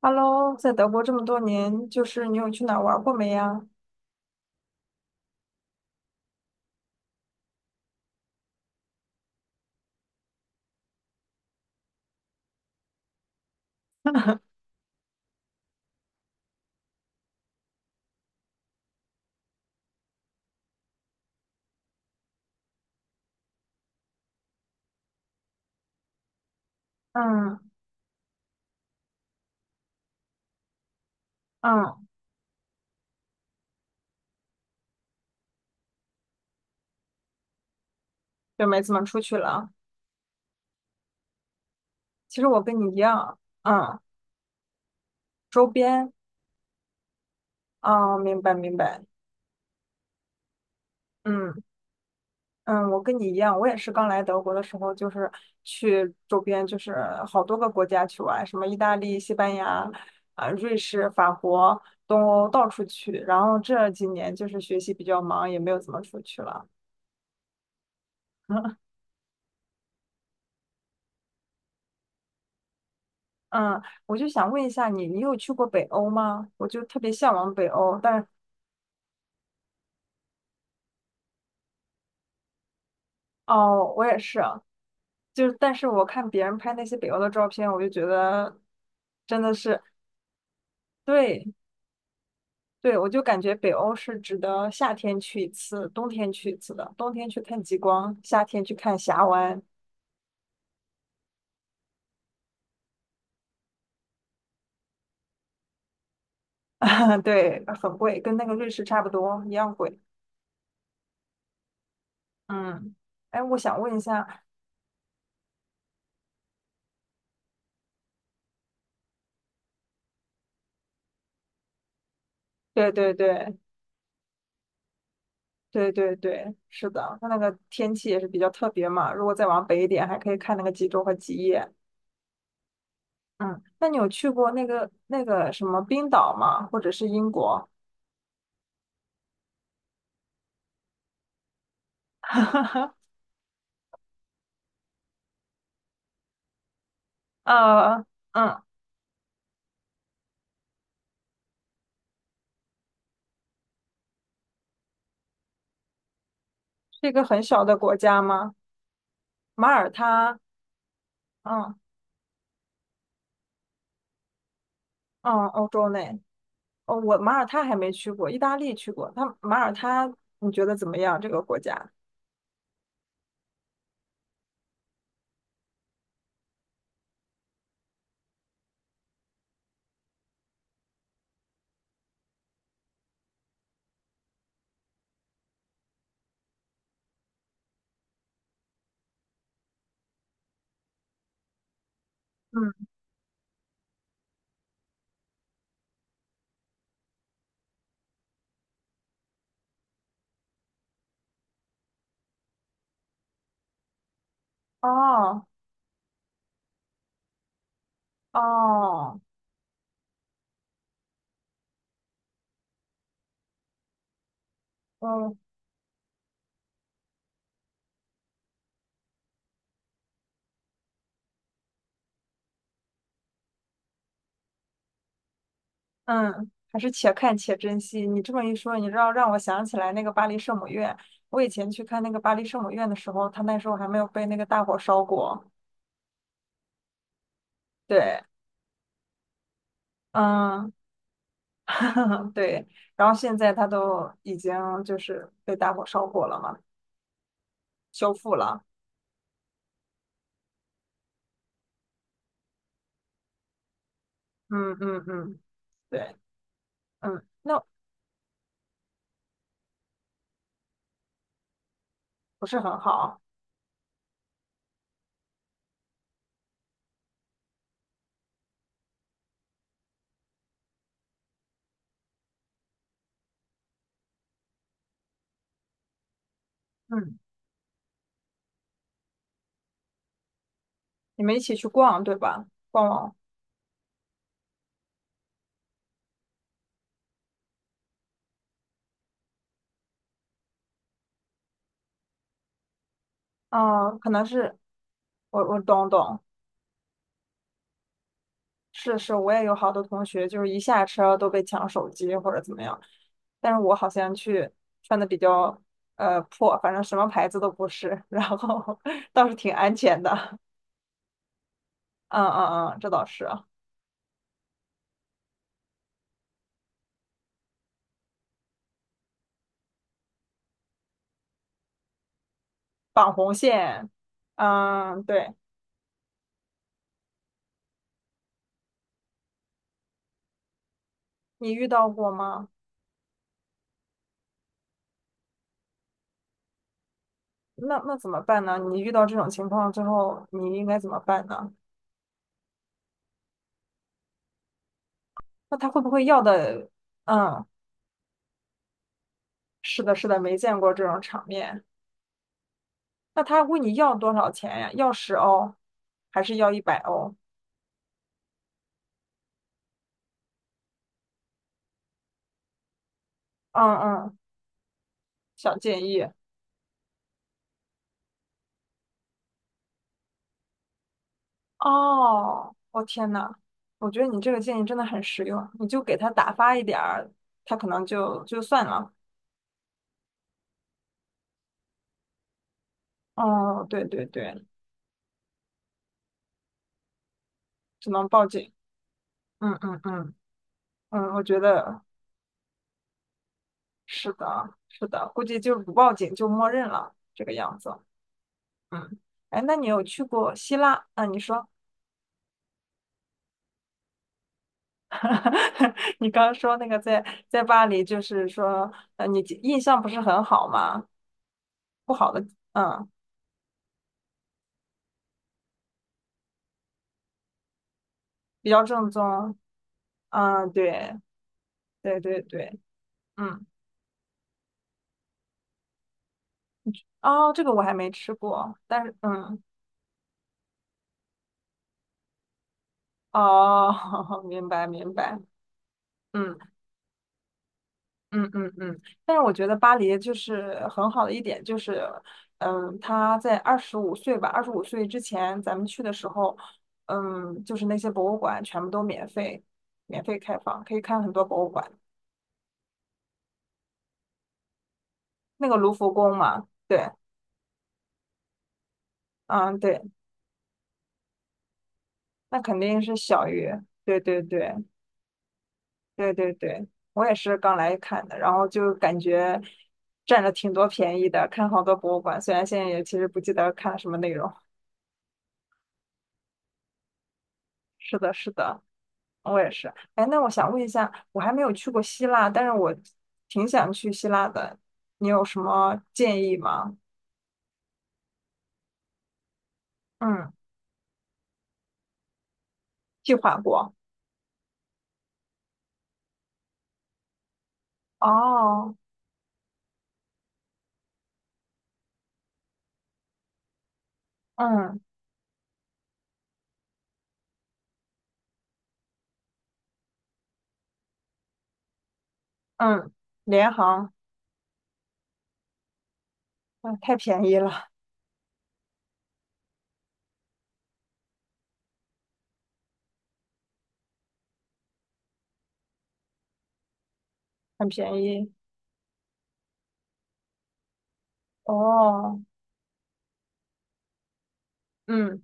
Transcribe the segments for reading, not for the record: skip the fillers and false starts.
Hello，在德国这么多年，就是你有去哪儿玩过没呀？嗯嗯，就没怎么出去了。其实我跟你一样，嗯，周边，啊，明白明白，嗯嗯，我跟你一样，我也是刚来德国的时候，就是去周边，就是好多个国家去玩，什么意大利、西班牙、啊、瑞士、法国、东欧到处去。然后这几年就是学习比较忙，也没有怎么出去了。嗯，我就想问一下你，你有去过北欧吗？我就特别向往北欧，但哦，我也是啊，就是但是我看别人拍那些北欧的照片，我就觉得真的是，对对，我就感觉北欧是值得夏天去一次，冬天去一次的，冬天去看极光，夏天去看峡湾，对，很贵，跟那个瑞士差不多，一样贵。嗯，哎，我想问一下，对对对，对对对，是的，它那个天气也是比较特别嘛。如果再往北一点，还可以看那个极昼和极夜。嗯，那你有去过那个什么冰岛吗？或者是英国？呃，嗯，是一个很小的国家吗？马耳他，嗯嗯，欧洲内。哦，我马耳他还没去过，意大利去过。它马耳他，你觉得怎么样？这个国家？嗯，哦哦，嗯，嗯，还是且看且珍惜。你这么一说，你知道让我想起来那个巴黎圣母院。我以前去看那个巴黎圣母院的时候，它那时候还没有被那个大火烧过。对，嗯，对。然后现在它都已经就是被大火烧过了嘛，修复了。嗯嗯嗯，对，嗯，那不是很好。嗯，你们一起去逛，对吧？逛逛，嗯，可能是我懂懂。是是，我也有好多同学，就是一下车都被抢手机或者怎么样，但是我好像去穿的比较破，反正什么牌子都不是，然后 倒是挺安全的。嗯嗯嗯，这倒是。绑红线，嗯，对，你遇到过吗？那那怎么办呢？你遇到这种情况之后，你应该怎么办呢？那他会不会要的？嗯，是的，是的，没见过这种场面。那他问你要多少钱呀？要十欧，还是要一百欧？嗯嗯，小建议。哦，我天呐，我觉得你这个建议真的很实用，你就给他打发一点儿，他可能就算了。哦，对对对，只能报警。嗯嗯嗯嗯，我觉得是的，是的，估计就是不报警就默认了这个样子。嗯，哎，那你有去过希腊？啊，你说。你刚刚说那个在巴黎，就是说，你印象不是很好吗？不好的，嗯，比较正宗，嗯，对，对对对，嗯，哦，这个我还没吃过，但是，嗯，哦，明白明白，嗯。嗯嗯嗯，但是我觉得巴黎就是很好的一点，就是，嗯，他在二十五岁吧，二十五岁之前咱们去的时候，嗯，就是那些博物馆全部都免费，免费开放，可以看很多博物馆。那个卢浮宫嘛，对，嗯对，那肯定是小于，对对对对对对，我也是刚来看的，然后就感觉占了挺多便宜的，看好多博物馆，虽然现在也其实不记得看什么内容。是的，是的。我也是。哎，那我想问一下，我还没有去过希腊，但是我挺想去希腊的，你有什么建议吗？嗯，计划过。哦，嗯嗯，联航，嗯，太便宜了，很便宜。哦，嗯，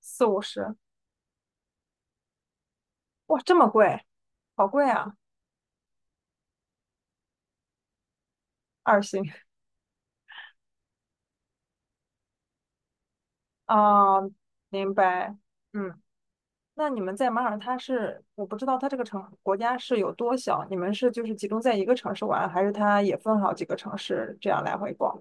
四五十，哇，这么贵，好贵啊，二星。哦，明白。嗯。那你们在马耳他是，我不知道它这个城国家是有多小，你们是就是集中在一个城市玩，还是它也分好几个城市这样来回逛？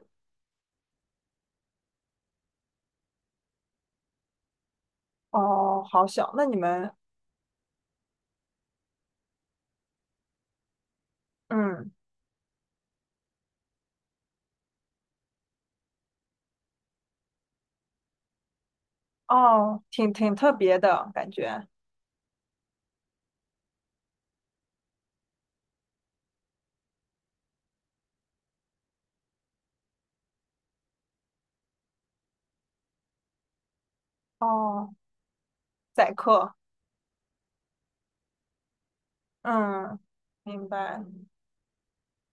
哦，好小，那你们，嗯，哦，挺挺特别的感觉，哦，宰客，嗯，明白，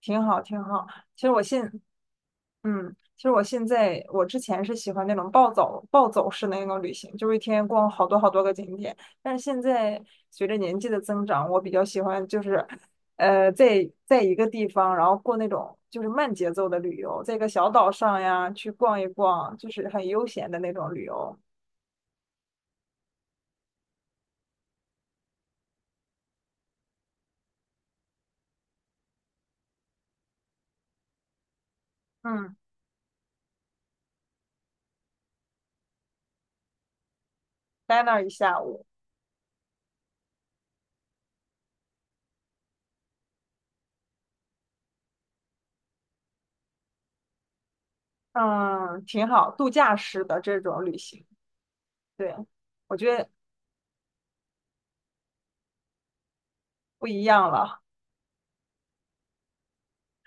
挺好挺好。其实我现嗯，其实我现在，我之前是喜欢那种暴走式的那种旅行，就是一天逛好多好多个景点。但是现在随着年纪的增长，我比较喜欢就是，在一个地方，然后过那种就是慢节奏的旅游，在一个小岛上呀去逛一逛，就是很悠闲的那种旅游。嗯，待那儿一下午，嗯，挺好，度假式的这种旅行，对，我觉得不一样了。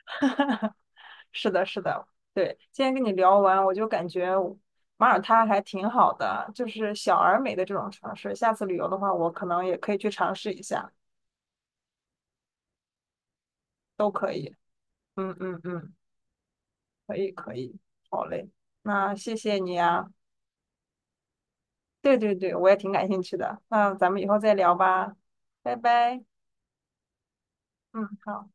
哈哈，是的，是的，对，今天跟你聊完，我就感觉马耳他还挺好的，就是小而美的这种城市。下次旅游的话，我可能也可以去尝试一下，都可以。嗯嗯嗯，可以可以，好嘞，那谢谢你啊。对对对，我也挺感兴趣的。那咱们以后再聊吧，拜拜。嗯，好。